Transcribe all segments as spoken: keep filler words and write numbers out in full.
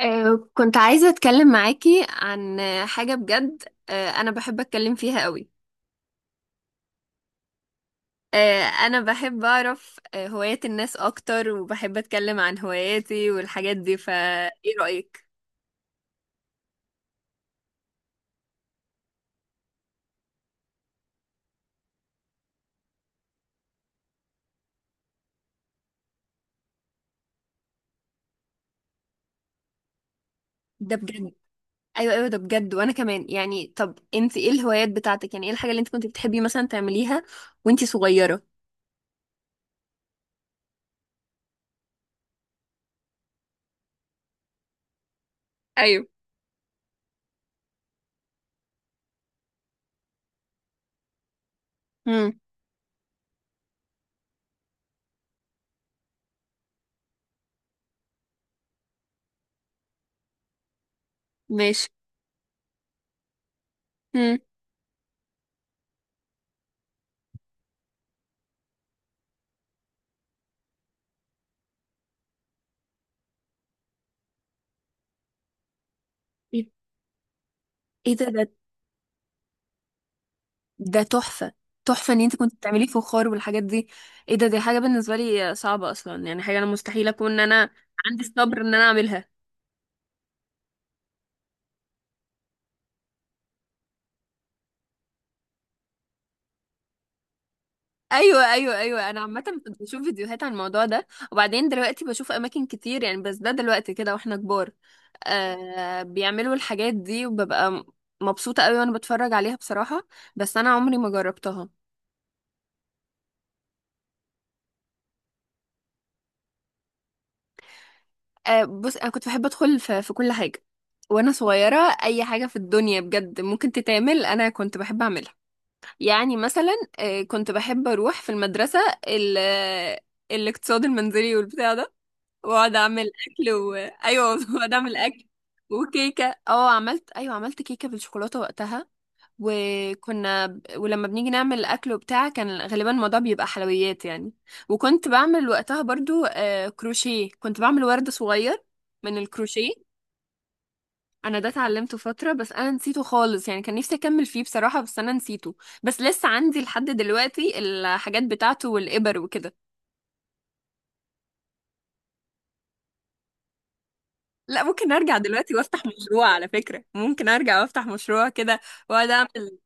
آه، كنت عايزة أتكلم معاكي عن آه، حاجة بجد. آه، أنا بحب أتكلم فيها قوي. آه، أنا بحب أعرف آه، هوايات الناس أكتر وبحب أتكلم عن هواياتي والحاجات دي، فإيه رأيك؟ ده بجد. أيوة أيوة، ده بجد. وأنا كمان يعني، طب أنت إيه الهوايات بتاعتك؟ يعني إيه الحاجة اللي أنت كنت بتحبي مثلا تعمليها وأنت صغيرة؟ ايوه. امم. ماشي. امم. إيه، إيه ده ده. ده تحفة. تحفة ان انت كنت بتعملي فخار والحاجات دي. ايه ده، دي حاجة بالنسبة لي صعبة اصلا، يعني حاجة انا مستحيل اكون ان انا عندي الصبر ان انا اعملها. ايوه ايوه ايوه، انا عامة كنت بشوف فيديوهات عن الموضوع ده، وبعدين دلوقتي بشوف اماكن كتير يعني، بس ده دلوقتي كده واحنا كبار آه بيعملوا الحاجات دي، وببقى م- مبسوطة قوي وانا بتفرج عليها بصراحة. بس انا عمري ما جربتها. آه، بص انا كنت بحب ادخل في, في كل حاجة وانا صغيرة. اي حاجة في الدنيا بجد ممكن تتعمل انا كنت بحب اعملها. يعني مثلا آه، كنت بحب اروح في المدرسه ال- آه، الاقتصاد المنزلي والبتاع ده، واقعد اعمل اكل و... ايوه واقعد اعمل اكل وكيكه. اه، عملت. ايوه، عملت كيكه بالشوكولاته وقتها. وكنا ب- ولما بنيجي نعمل اكل وبتاع كان غالبا الموضوع بيبقى حلويات يعني. وكنت بعمل وقتها برضو آه، كروشيه، كنت بعمل ورد صغير من الكروشيه. انا ده اتعلمته فتره بس انا نسيته خالص، يعني كان نفسي اكمل فيه بصراحه بس انا نسيته. بس لسه عندي لحد دلوقتي الحاجات بتاعته والابر وكده. لا، ممكن ارجع دلوقتي وافتح مشروع، على فكره ممكن ارجع وافتح مشروع كده واقعد اعمل.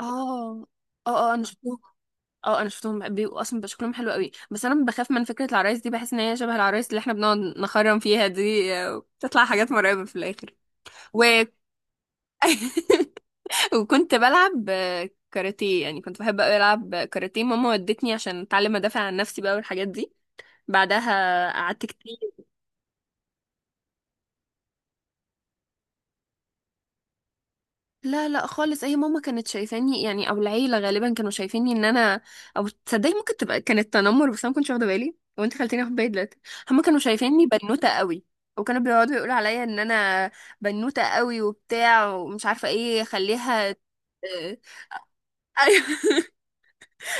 اه اه، اه انا شفتهم. اه انا شفتهم بيبقوا اصلا، بيبقى شكلهم حلو قوي، بس انا بخاف من فكره العرايس دي، بحس ان هي شبه العرايس اللي احنا بنقعد نخرم فيها دي، آه، بتطلع حاجات مرعبه في الاخر. وكنت بلعب آه، كاراتيه، يعني كنت بحب أوي ألعب كاراتيه. ماما ودتني عشان أتعلم أدافع عن نفسي بقى والحاجات دي. بعدها قعدت كتير. لا لا خالص، هي ماما كانت شايفاني يعني، أو العيلة غالبا كانوا شايفيني إن أنا، أو تصدقي ممكن تبقى كانت تنمر بس أنا ما كنتش واخدة بالي، وأنت خلتيني آخد بالي دلوقتي. هما كانوا شايفيني بنوتة قوي، وكانوا بيقعدوا يقولوا عليا إن أنا بنوتة قوي وبتاع ومش عارفة إيه، خليها آه، ايوه.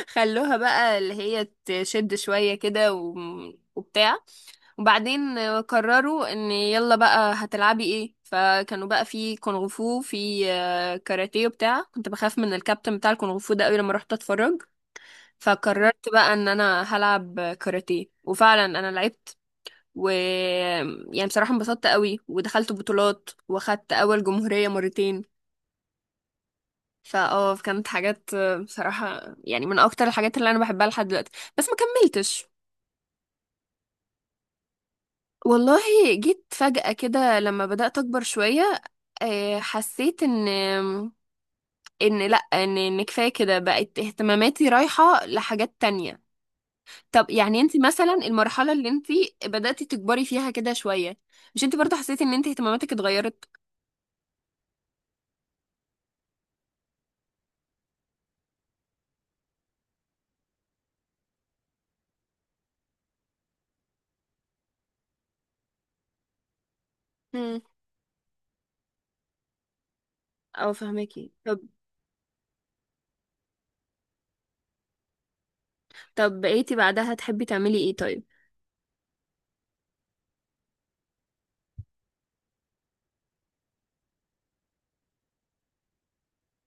خلوها بقى اللي هي تشد شوية كده و... وبتاع. وبعدين قرروا ان يلا بقى هتلعبي ايه، فكانوا بقى في كونغ فو في آه، كاراتيه وبتاع. كنت بخاف من الكابتن بتاع الكونغ فو ده قوي لما رحت اتفرج، فقررت بقى ان انا هلعب كاراتيه، وفعلا انا لعبت. و يعني بصراحة انبسطت قوي ودخلت بطولات واخدت اول جمهورية مرتين. فاه كانت حاجات آه، بصراحة يعني من اكتر الحاجات اللي انا بحبها لحد دلوقتي، بس ما كملتش. والله جيت فجأة كده لما بدأت أكبر شوية، آه، حسيت إن، إن لأ إن إن كفاية كده، بقت اهتماماتي رايحة لحاجات تانية. طب يعني أنت مثلا المرحلة اللي أنت بدأتي تكبري فيها كده شوية، مش أنت برضه حسيتي إن أنت اهتماماتك اتغيرت؟ مم. أه فهماكي. طب طب بقيتي بعدها تحبي تعملي إيه طيب؟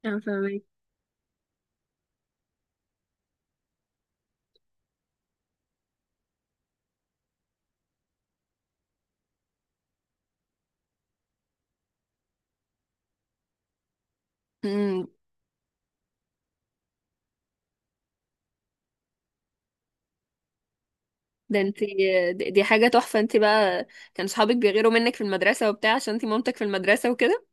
أه فهماكي. امم. ده انت، دي دي حاجة تحفة انت بقى. كان صحابك بيغيروا منك في المدرسة وبتاع عشان انت مامتك في المدرسة وكده.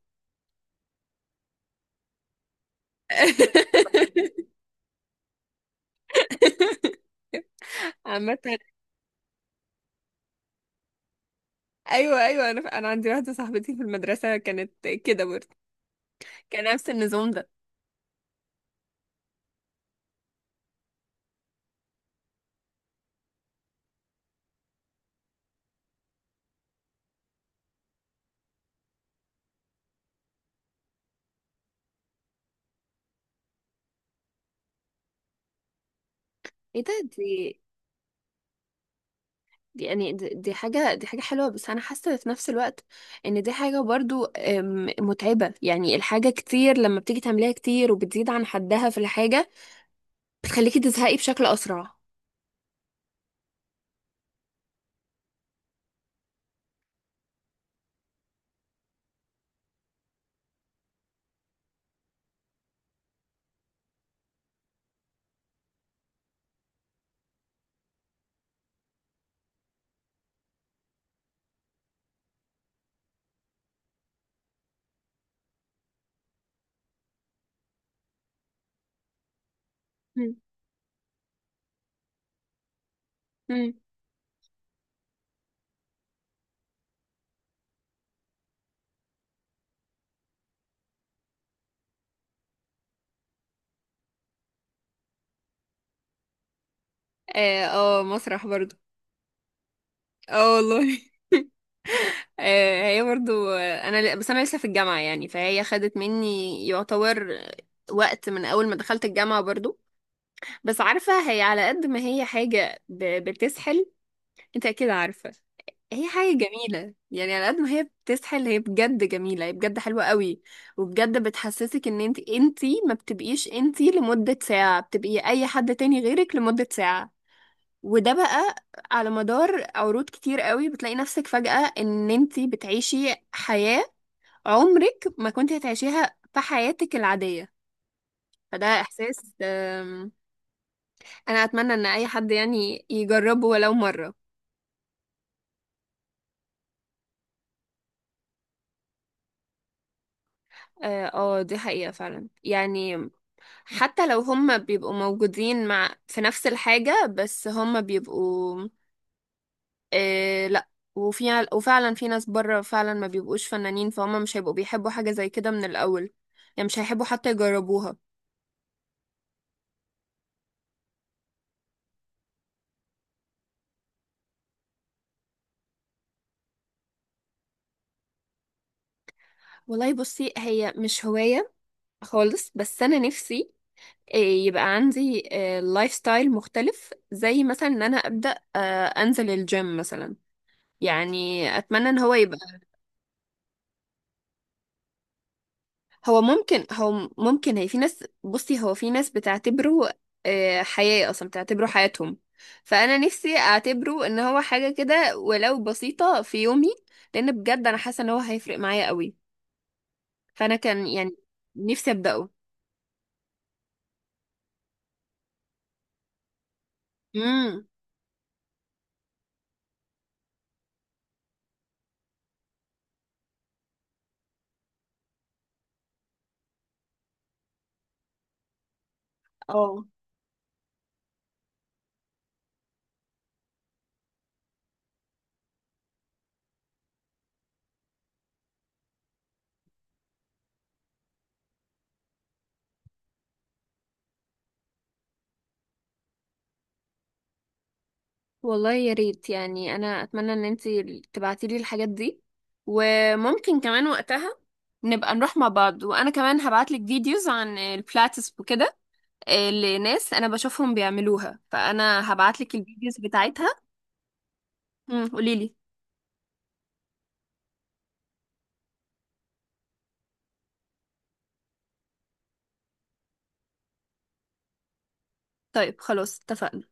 عامة ايوه ايوه، انا ف... انا عندي واحده صاحبتي في المدرسه كانت كده برضه، كان نفس النظام ده. ايه ده، دي، دي- يعني دي دي حاجة، دي حاجة حلوة، بس أنا حاسة في نفس الوقت إن دي حاجة برضو أم، متعبة. يعني الحاجة كتير لما بتيجي تعمليها كتير وبتزيد عن حدها في الحاجة، بتخليكي تزهقي بشكل أسرع. مم. مم. اه آه، مسرح برضه. اه والله آه هي برضه، آه، انا ل- بس انا لسه في الجامعه يعني، فهي خدت مني يعتبر وقت من اول ما دخلت الجامعه برضه. بس عارفة هي على قد ما هي حاجة ب... بتسحل، انت اكيد عارفة، هي حاجة جميلة، يعني على قد ما هي بتسحل هي بجد جميلة، هي بجد حلوة قوي. وبجد بتحسسك ان انت انت ما بتبقيش انت لمدة ساعة، بتبقي اي حد تاني غيرك لمدة ساعة. وده بقى على مدار عروض كتير قوي بتلاقي نفسك فجأة ان انت بتعيشي حياة عمرك ما كنت هتعيشيها في حياتك العادية. فده احساس انا اتمنى ان اي حد يعني يجربه ولو مره. اه، آه، دي حقيقه فعلا يعني. حتى لو هم بيبقوا موجودين مع في نفس الحاجه، بس هم بيبقوا آه لا، وفي، وفعلا في ناس بره فعلا ما بيبقوش فنانين، فهم مش هيبقوا بيحبوا حاجه زي كده من الاول، يعني مش هيحبوا حتى يجربوها. والله بصي، هي مش هوايه خالص، بس انا نفسي آه، يبقى عندي لايف ستايل مختلف، زي مثلا ان انا ابدا آه، انزل الجيم مثلا. يعني اتمنى ان هو يبقى، هو ممكن هو ممكن هي في ناس، بصي هو في ناس بتعتبره آه، حياة اصلا، بتعتبره حياتهم. فانا نفسي اعتبره ان هو حاجة كده ولو بسيطة في يومي، لان بجد انا حاسة ان هو هيفرق معايا قوي. فانا كان يعني نفسي ابدأه. امم. اه والله يا ريت، يعني انا اتمنى ان انتي تبعتي لي الحاجات دي، وممكن كمان وقتها نبقى نروح مع بعض، وانا كمان هبعت لك فيديوز عن البلاتس وكده، آه، لناس انا بشوفهم بيعملوها فانا هبعتلك الفيديوز بتاعتها. امم قوليلي. طيب خلاص، اتفقنا.